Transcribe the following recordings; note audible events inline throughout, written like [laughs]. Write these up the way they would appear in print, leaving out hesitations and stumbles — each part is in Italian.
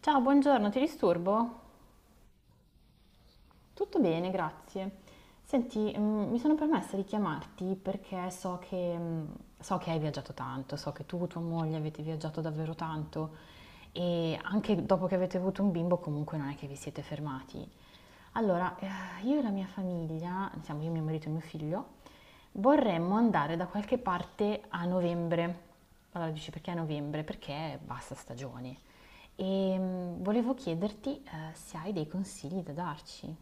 Ciao, buongiorno, ti disturbo? Tutto bene, grazie. Senti, mi sono permessa di chiamarti perché so che, so che hai viaggiato tanto, so che tu e tua moglie avete viaggiato davvero tanto e anche dopo che avete avuto un bimbo comunque non è che vi siete fermati. Allora, io e la mia famiglia, siamo io, mio marito e mio figlio, vorremmo andare da qualche parte a novembre. Allora dici perché a novembre? Perché basta stagione. E volevo chiederti se hai dei consigli da darci.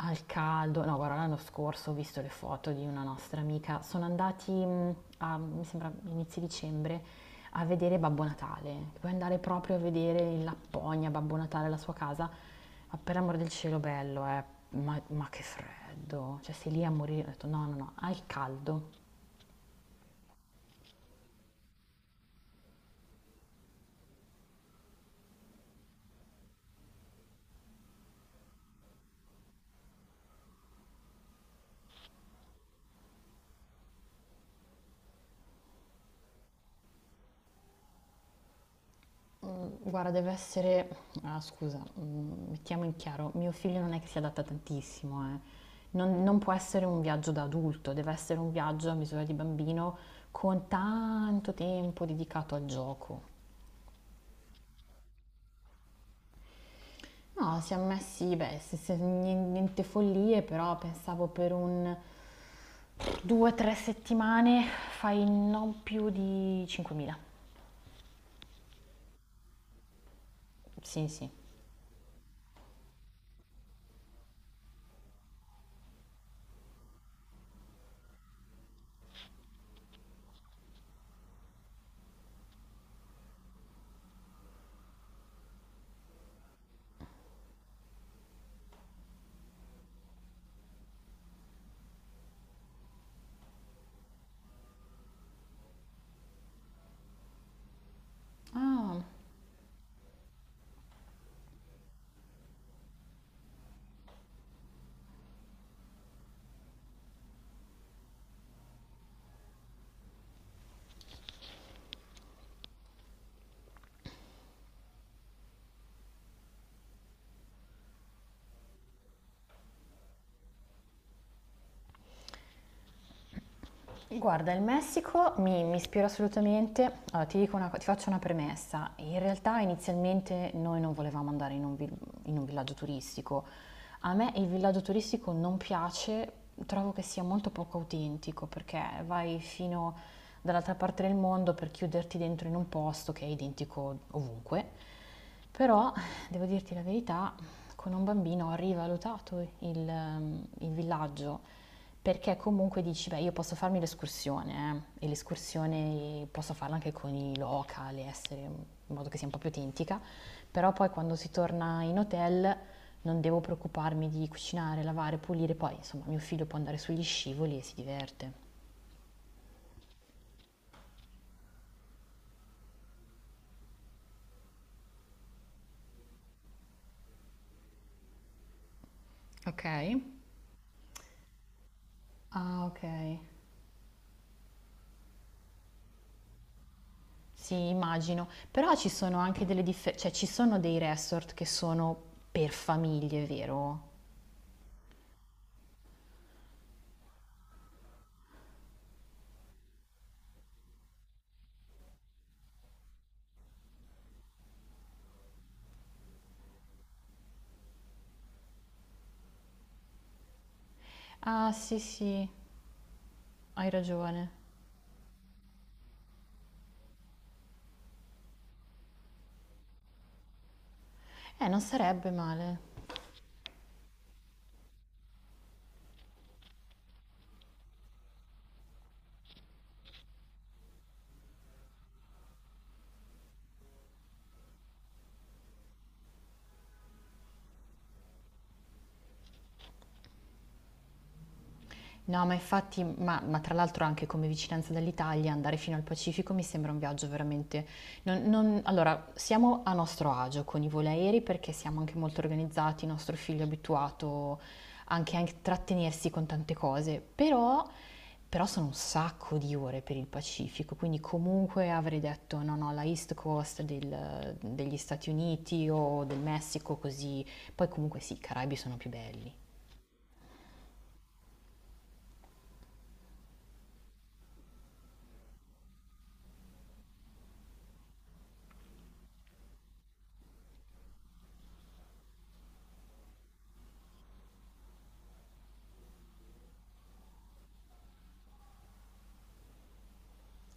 Al caldo, no, guarda, l'anno scorso ho visto le foto di una nostra amica. Sono andati a, mi sembra, inizio dicembre a vedere Babbo Natale. Puoi andare proprio a vedere in Lapponia Babbo Natale, la sua casa. Ma per amor del cielo, bello, eh. Ma che freddo. Cioè, sei lì a morire. Ho detto, no, no, no, al caldo. Guarda, deve essere... Ah, scusa, mettiamo in chiaro, mio figlio non è che si adatta tantissimo, eh. Non può essere un viaggio da adulto, deve essere un viaggio a misura di bambino con tanto tempo dedicato al gioco. No, siamo messi, beh, niente follie, però pensavo per un 2-3 settimane fai non più di 5.000. Sì, sì. Ah, guarda, il Messico mi ispira assolutamente. Allora, ti dico una ti faccio una premessa. In realtà inizialmente noi non volevamo andare in in un villaggio turistico. A me il villaggio turistico non piace, trovo che sia molto poco autentico perché vai fino dall'altra parte del mondo per chiuderti dentro in un posto che è identico ovunque. Però, devo dirti la verità, con un bambino ho rivalutato il villaggio, perché comunque dici, beh, io posso farmi l'escursione, e l'escursione posso farla anche con i local, e essere in modo che sia un po' più autentica, però poi quando si torna in hotel non devo preoccuparmi di cucinare, lavare, pulire, poi insomma mio figlio può andare sugli scivoli e si diverte. Ok. Ah, ok. Sì, immagino, però ci sono anche delle differenze, cioè ci sono dei resort che sono per famiglie, vero? Ah, sì, sì, hai ragione. Non sarebbe male. No, ma infatti, ma tra l'altro anche come vicinanza dall'Italia, andare fino al Pacifico mi sembra un viaggio veramente... allora, siamo a nostro agio con i voli aerei perché siamo anche molto organizzati, il nostro figlio è abituato anche a intrattenersi con tante cose, però, però sono un sacco di ore per il Pacifico, quindi comunque avrei detto no, no, la East Coast degli Stati Uniti o del Messico, così... Poi comunque sì, i Caraibi sono più belli.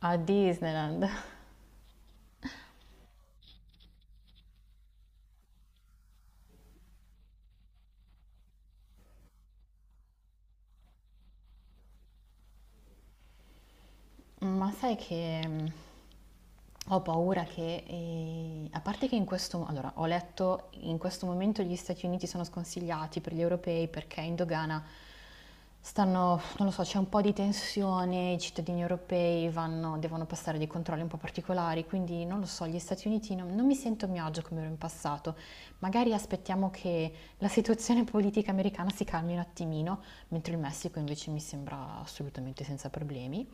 A Disneyland. [laughs] Ma sai che ho paura che, a parte che in questo, allora, ho letto in questo momento gli Stati Uniti sono sconsigliati per gli europei perché in dogana stanno, non lo so, c'è un po' di tensione, i cittadini europei vanno, devono passare dei controlli un po' particolari, quindi non lo so, gli Stati Uniti non mi sento a mio agio come ero in passato. Magari aspettiamo che la situazione politica americana si calmi un attimino, mentre il Messico invece mi sembra assolutamente senza problemi.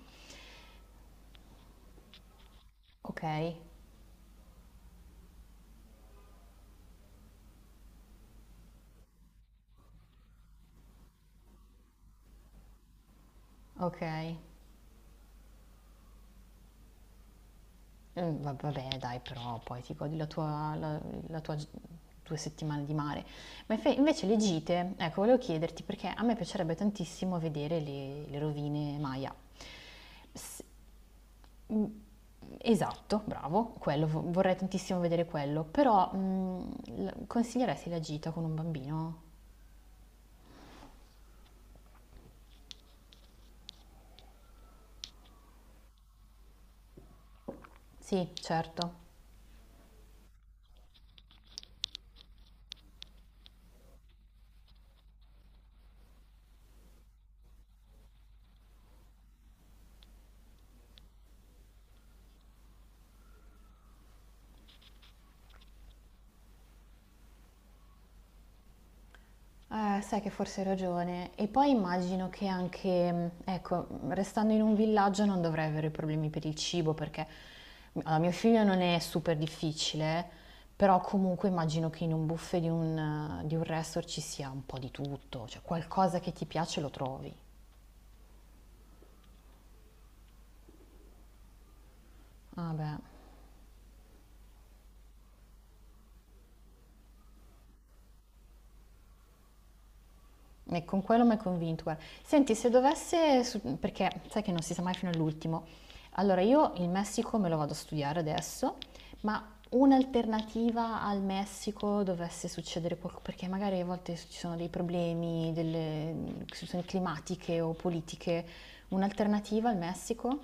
Ok, ok. Vabbè, dai, però poi ti godi la 2 settimane di mare. Ma invece le gite, ecco, volevo chiederti perché a me piacerebbe tantissimo vedere le rovine Maya. S- Esatto, bravo, quello, vorrei tantissimo vedere quello, però consiglieresti la gita con un bambino? Sì, certo. Sai che forse hai ragione. E poi immagino che anche, ecco, restando in un villaggio non dovrei avere problemi per il cibo perché allora, mio figlio non è super difficile, però comunque immagino che in un buffet di di un resort ci sia un po' di tutto, cioè qualcosa che ti piace lo trovi. Vabbè. E con quello mi hai convinto, guarda. Senti, se dovesse, perché sai che non si sa mai fino all'ultimo. Allora, io il Messico me lo vado a studiare adesso, ma un'alternativa al Messico dovesse succedere qualcosa, perché magari a volte ci sono dei problemi, delle situazioni climatiche o politiche. Un'alternativa al Messico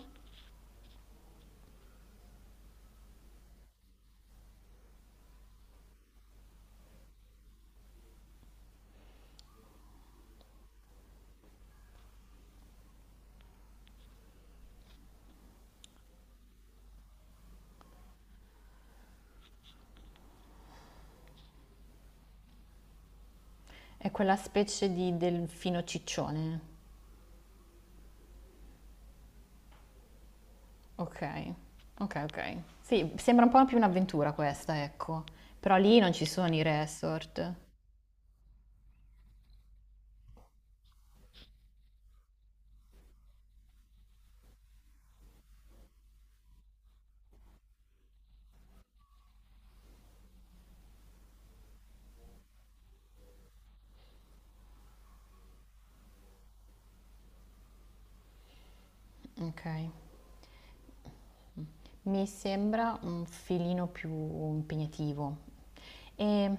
è quella specie di delfino ciccione. Ok, ok, ok. Sì, sembra un po' più un'avventura questa, ecco. Però lì non ci sono i resort. Okay. Mi sembra un filino più impegnativo e,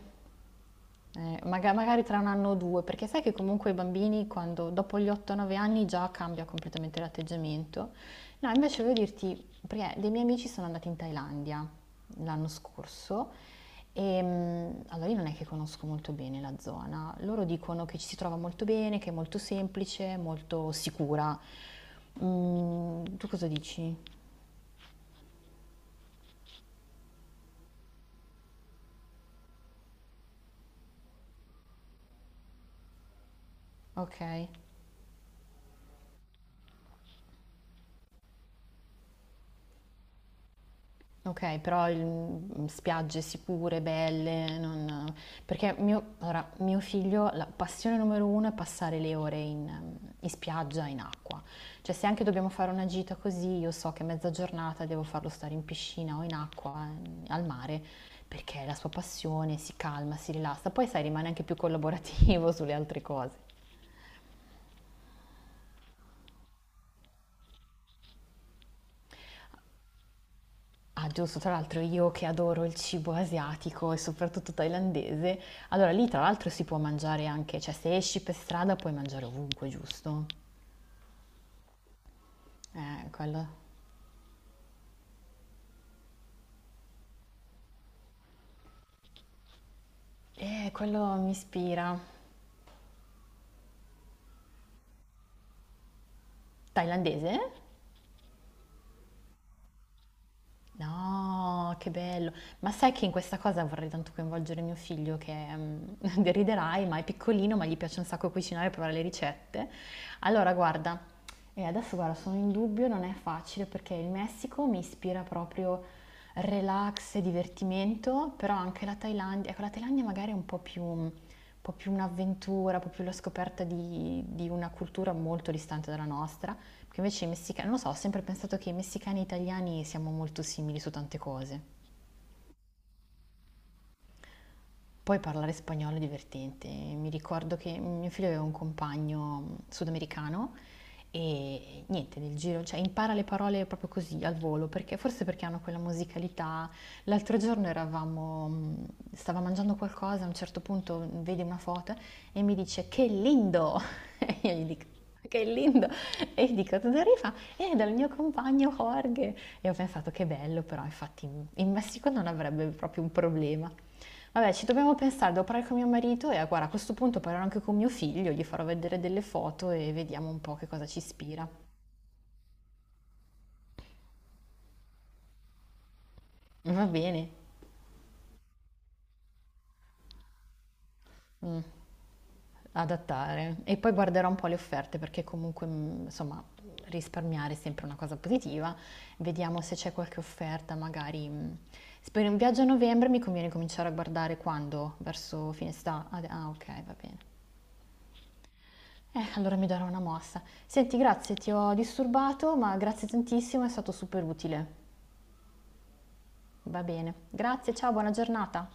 magari tra 1 anno o 2, perché sai che comunque i bambini quando dopo gli 8, 9 anni già cambia completamente l'atteggiamento. No, invece volevo dirti, perché dei miei amici sono andati in Thailandia l'anno scorso, allora io non è che conosco molto bene la zona. Loro dicono che ci si trova molto bene, che è molto semplice, molto sicura. Mhmm, tu cosa dici? Okay. Ok, però spiagge sicure, belle, non... Perché allora, mio figlio, la passione numero uno è passare le ore in, in spiaggia, in acqua. Cioè se anche dobbiamo fare una gita così, io so che mezza giornata devo farlo stare in piscina o in acqua, al mare, perché è la sua passione, si calma, si rilassa, poi sai, rimane anche più collaborativo [laughs] sulle altre cose. Ah, giusto, tra l'altro io che adoro il cibo asiatico e soprattutto thailandese, allora lì tra l'altro si può mangiare anche, cioè se esci per strada puoi mangiare ovunque, giusto? Quello, quello mi ispira. Thailandese? No, che bello. Ma sai che in questa cosa vorrei tanto coinvolgere mio figlio che [laughs] deriderai, ma è piccolino, ma gli piace un sacco cucinare e provare le ricette. Allora, guarda, e adesso guarda, sono in dubbio, non è facile perché il Messico mi ispira proprio relax e divertimento, però anche la Thailandia, ecco, la Thailandia magari è un po' più un'avventura, un po' più la scoperta di una cultura molto distante dalla nostra. Perché invece i messicani, non lo so, ho sempre pensato che i messicani e italiani siamo molto simili su tante cose. Poi parlare spagnolo è divertente. Mi ricordo che mio figlio aveva un compagno sudamericano e niente, nel giro, cioè impara le parole proprio così al volo, perché forse perché hanno quella musicalità. L'altro giorno eravamo, stava mangiando qualcosa, a un certo punto vede una foto e mi dice che lindo! [laughs] E io gli dico che lindo! E gli dico da dove arriva? È dal mio compagno Jorge. E ho pensato che bello, però infatti in in Messico non avrebbe proprio un problema. Vabbè, ci dobbiamo pensare, devo parlare con mio marito e ah, guarda, a questo punto parlerò anche con mio figlio, gli farò vedere delle foto e vediamo un po' che cosa ci ispira. Va bene, adattare. E poi guarderò un po' le offerte perché comunque, insomma, risparmiare è sempre una cosa positiva. Vediamo se c'è qualche offerta, magari... se per un viaggio a novembre mi conviene cominciare a guardare quando? Verso fine estate? Ah, ah, ok, va bene. Allora mi darò una mossa. Senti, grazie, ti ho disturbato, ma grazie tantissimo, è stato super utile. Va bene, grazie, ciao, buona giornata.